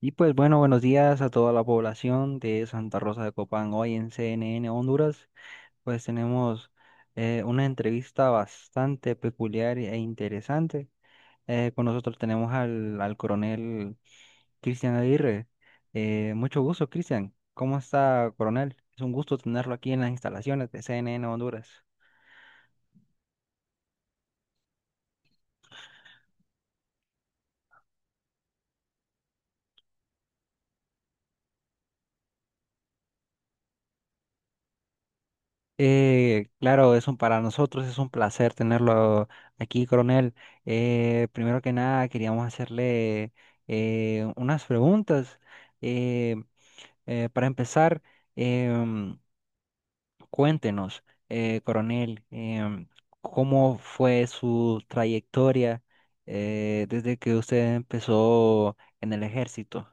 Y pues bueno, buenos días a toda la población de Santa Rosa de Copán. Hoy en CNN Honduras, pues tenemos una entrevista bastante peculiar e interesante. Con nosotros tenemos al coronel Cristian Aguirre. Mucho gusto, Cristian. ¿Cómo está, coronel? Es un gusto tenerlo aquí en las instalaciones de CNN Honduras. Claro, para nosotros es un placer tenerlo aquí, coronel. Primero que nada, queríamos hacerle unas preguntas. Eh, para empezar, em, cuéntenos, coronel, cómo fue su trayectoria desde que usted empezó en el ejército.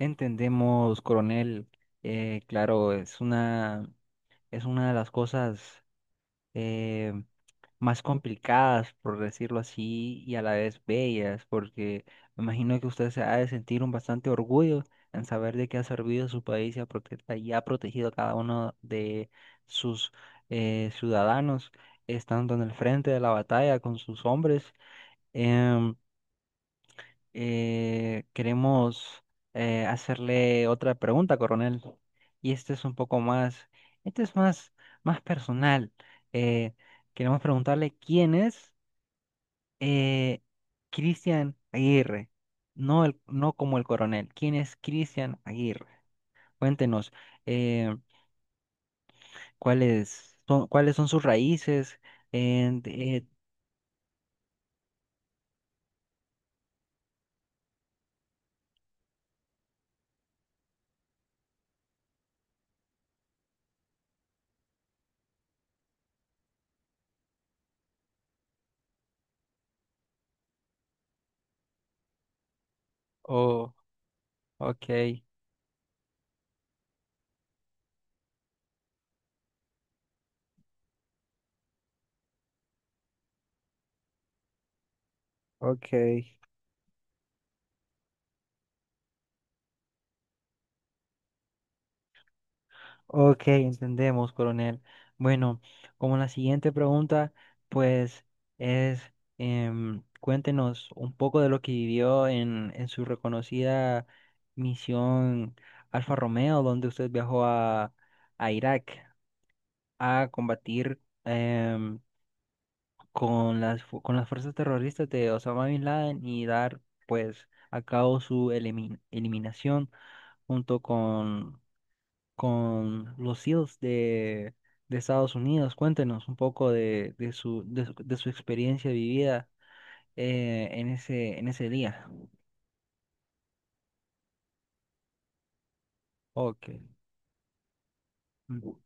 Entendemos, coronel, claro, es una de las cosas eh, más complicadas, por decirlo así, y a la vez bellas, porque me imagino que usted se ha de sentir un bastante orgullo en saber de que ha servido a su país y y ha protegido a cada uno de sus ciudadanos, estando en el frente de la batalla con sus hombres. Em, Queremos hacerle otra pregunta, coronel. Y este es un poco más, este es más personal. Eh, Queremos preguntarle quién es eh, Cristian Aguirre, no, no como el coronel. ¿Quién es Cristian Aguirre? Cuéntenos eh, cuáles son sus raíces. And, oh, ok. Ok. Ok, entendemos, coronel. Bueno, como la siguiente pregunta, pues es, cuéntenos un poco de lo que vivió en su reconocida misión Alfa Romeo, donde usted viajó a Irak a combatir con con las fuerzas terroristas de Osama Bin Laden y dar pues a cabo su eliminación junto con los SEALs de Estados Unidos. Cuéntenos un poco de su experiencia vivida en en ese día. Ok. Mm.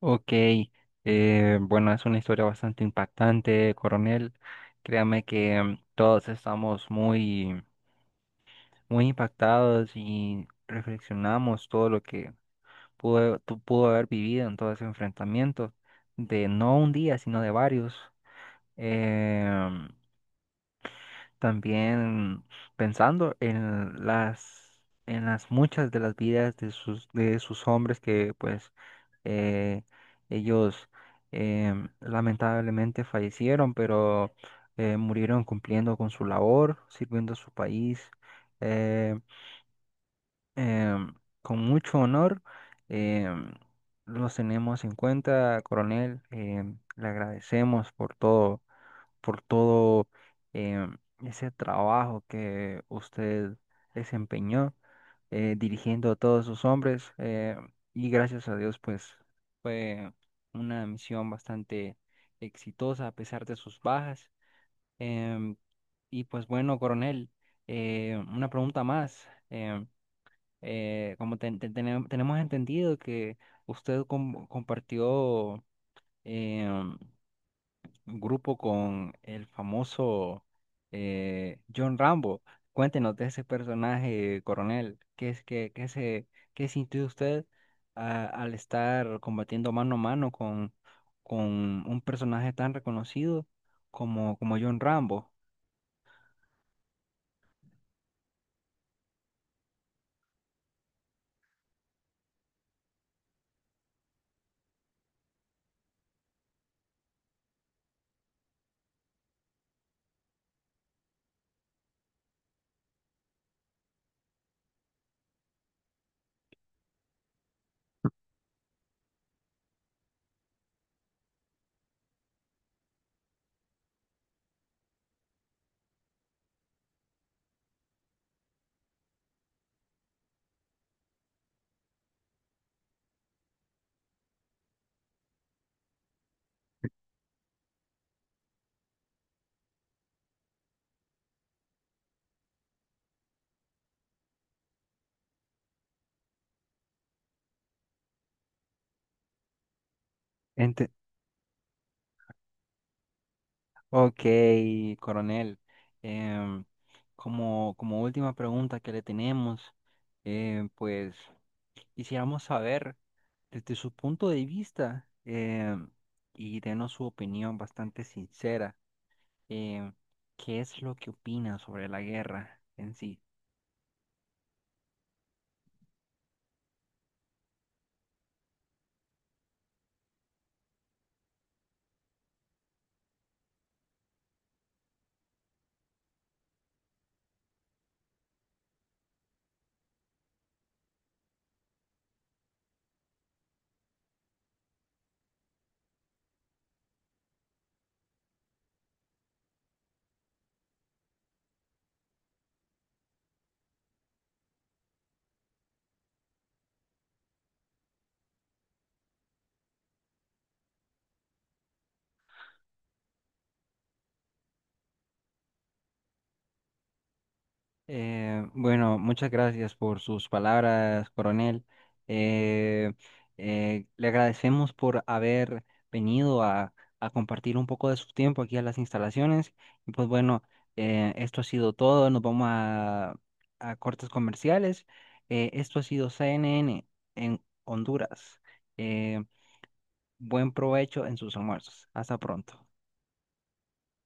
Ok, bueno, es una historia bastante impactante, coronel. Créame que todos estamos muy impactados y reflexionamos todo lo que pudo haber vivido en todo ese enfrentamiento, de no un día, sino de varios. Em, También pensando en en las muchas de las vidas de de sus hombres que pues eh, ellos lamentablemente fallecieron, pero murieron cumpliendo con su labor, sirviendo a su país eh, em, con mucho honor. Em, los tenemos en cuenta, coronel. Em, le agradecemos por todo eh, ese trabajo que usted desempeñó dirigiendo a todos sus hombres, y gracias a Dios pues fue una misión bastante exitosa a pesar de sus bajas. Em, y pues bueno, coronel, una pregunta más. Como tenemos entendido que usted compartió em, un grupo con el famoso John Rambo. Cuéntenos de ese personaje, coronel. ¿Qué es que qué se Qué sintió usted al estar combatiendo mano a mano con un personaje tan reconocido como John Rambo? Ente- ok, coronel. Em, Como, como última pregunta que le tenemos, pues quisiéramos saber desde su punto de vista. Em, y denos su opinión bastante sincera. em, ¿Qué es lo que opina sobre la guerra en sí? Bueno, muchas gracias por sus palabras, coronel. Eh, Le agradecemos por haber venido a compartir un poco de su tiempo aquí a las instalaciones. Y pues bueno, esto ha sido todo. Nos vamos a cortes comerciales. Esto ha sido CNN en Honduras. Eh, Buen provecho en sus almuerzos. Hasta pronto.